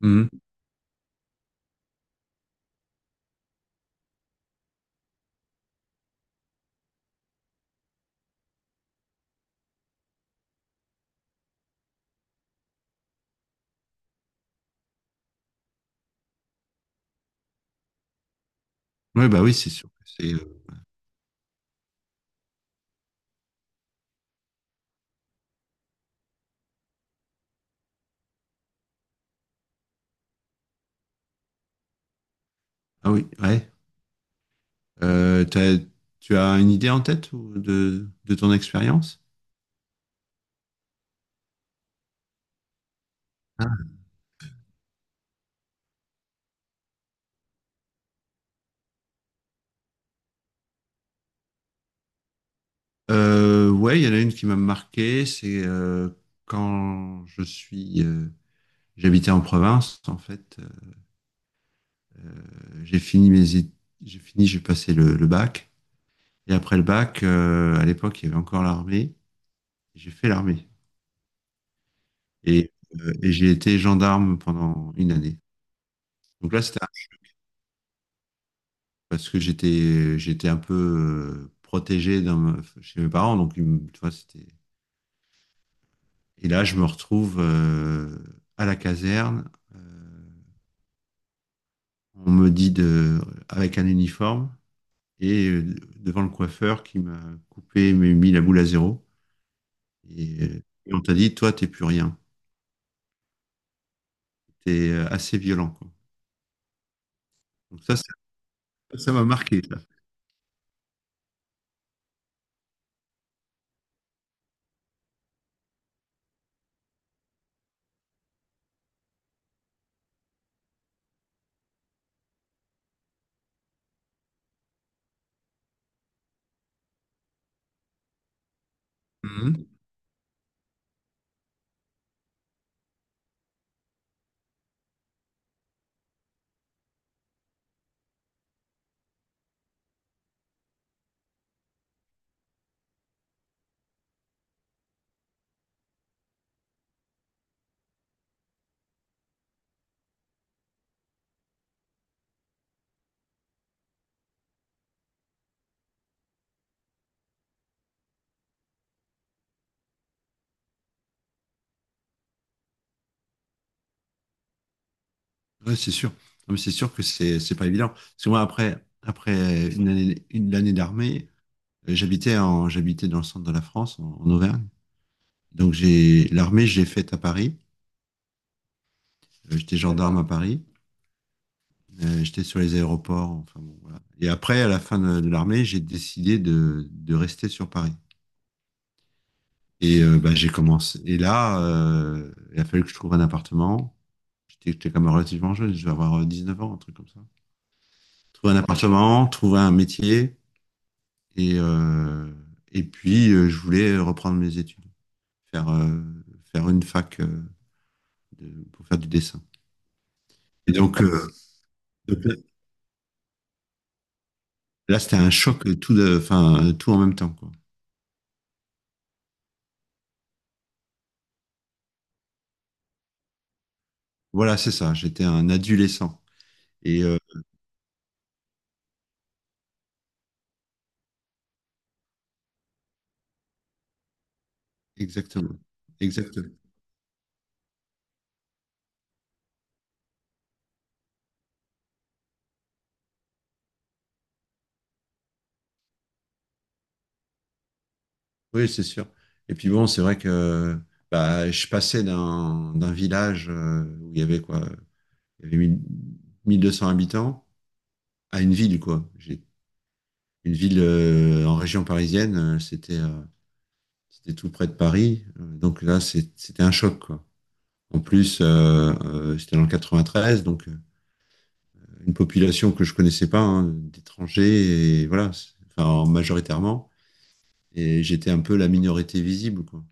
Mhm. Ouais, bah oui, c'est sûr. Que C'est, ah oui, ouais. Euh, t'as- Tu as une idée en tête ou de ton expérience? Ouais, il y en a une qui m'a marqué, c'est quand j'habitais en province, en fait, euh, j'ai fini j'ai fini, j'ai passé le bac, et après le bac, à l'époque, il y avait encore l'armée, j'ai fait l'armée, et, et j'ai été gendarme pendant une année. Donc là, c'était parce que j'étais un peu protégé chez mes parents. Donc, tu vois, c'était... Et là, je me retrouve à la caserne, euh, on me dit avec un uniforme et devant le coiffeur qui m'a coupé, m'a mis la boule à zéro. Et on t'a dit, toi, t'es plus rien. T'es assez violent, quoi. Donc ça, ça m'a marqué, ça. Mhm. Ouais, c'est sûr. Non, mais c'est sûr que c'est pas évident. Parce que moi, après, après une année, d'armée, j'habitais dans le centre de la France, en Auvergne. Donc, l'armée, j'ai faite à Paris. J'étais gendarme à Paris. J'étais sur les aéroports. Enfin, bon, voilà. Et après, à la fin de l'armée, j'ai décidé de rester sur Paris. Et bah, j'ai commencé. Et là, il a fallu que je trouve un appartement. J'étais quand même relativement jeune, je vais avoir 19 ans, un truc comme ça. Trouver un appartement, trouver un métier. Et, euh, et puis, je voulais reprendre mes études, faire, euh, faire une fac pour faire du dessin. Et donc là, c'était un choc, tout, tout en même temps, quoi. Voilà, c'est ça, j'étais un adolescent. Et euh, exactement, Exactement. Oui, c'est sûr. Et puis bon, c'est vrai que bah, je passais d'un village où il y avait quoi, il y avait 1000 1200 habitants à une ville, quoi. J'ai Une ville en région parisienne, c'était tout près de Paris. Donc là, c'était un choc, quoi. En plus, c'était dans le 93, donc une population que je connaissais pas, hein, d'étrangers et voilà, enfin majoritairement. Et j'étais un peu la minorité visible, quoi.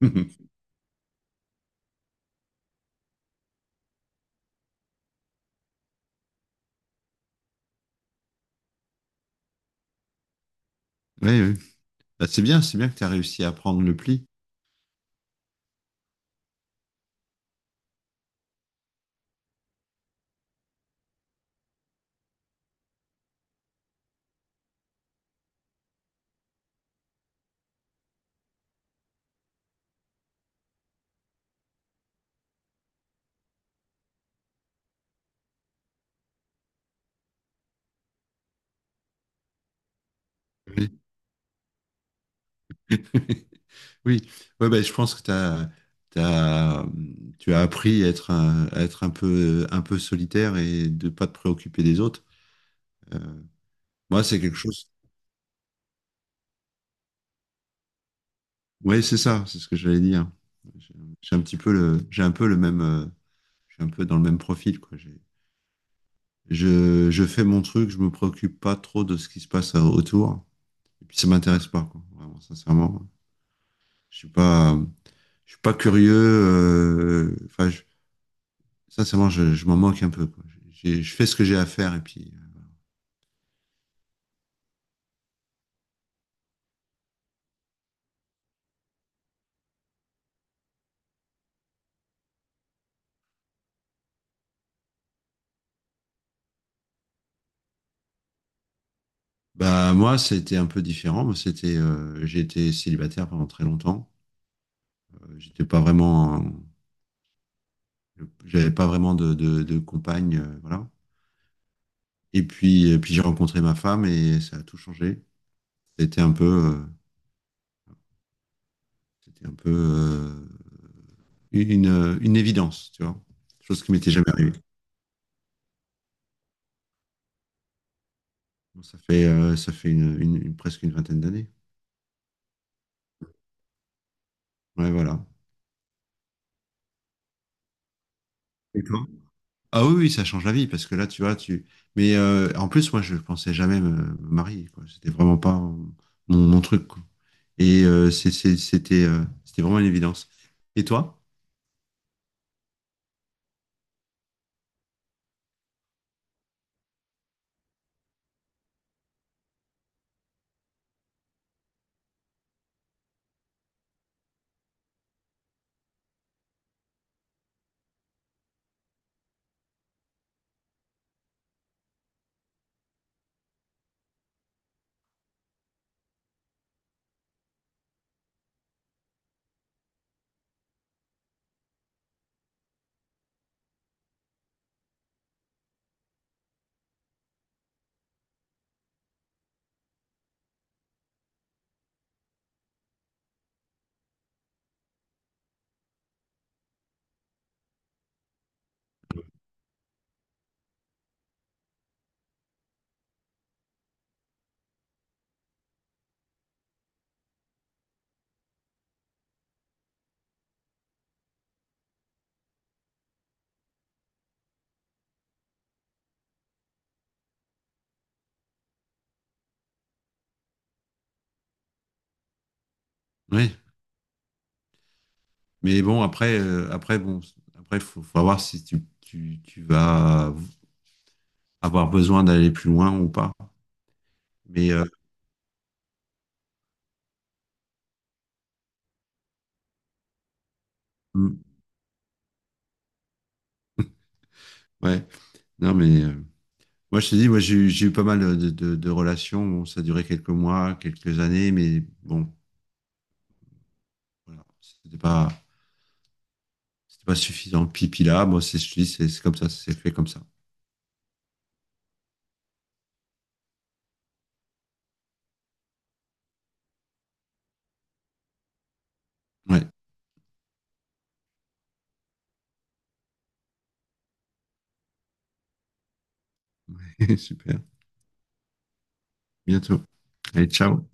Oui, oui. Bah, c'est bien que tu as réussi à prendre le pli. Oui, oui. Ouais, bah, je pense que t'as, tu as appris à être à être un peu solitaire et de pas te préoccuper des autres. Euh, Moi, c'est quelque chose. Oui, c'est ça, c'est ce que j'allais dire. J'ai j'ai un petit peu j'ai un peu le même, je suis un peu dans le même profil, quoi. Je fais mon truc, je me préoccupe pas trop de ce qui se passe autour. Et puis ça m'intéresse pas, quoi. Vraiment, sincèrement. Je suis pas, je suis pas curieux. Sincèrement, je m'en moque un peu, quoi. Je fais ce que j'ai à faire et puis. Bah moi, c'était un peu différent. Moi, c'était, j'ai été célibataire pendant très longtemps. J'étais pas j'avais pas vraiment de compagne, voilà. Et puis, j'ai rencontré ma femme et ça a tout changé. C'était un peu, euh, c'était un peu euh, une, évidence, tu vois, chose qui m'était jamais arrivée. Bon, ça fait presque une vingtaine d'années. Ouais, voilà. Et toi? Ah oui, oui, ça change la vie parce que là, tu vois, tu. Mais en plus, moi, je pensais jamais me marier, quoi. C'était vraiment pas mon truc, quoi. Et c'était vraiment une évidence. Et toi? Oui. Mais bon, après, faut voir si tu vas avoir besoin d'aller plus loin ou pas. Mais mm, ouais, non, mais Moi, je te dis, moi, j'ai eu pas mal de relations. Bon, ça a duré quelques mois, quelques années, mais bon. Voilà. C'était pas suffisant. Pipi là, moi, c'est, je te dis, c'est comme ça, c'est fait comme ça. Ouais, super. Bientôt. Allez, ciao.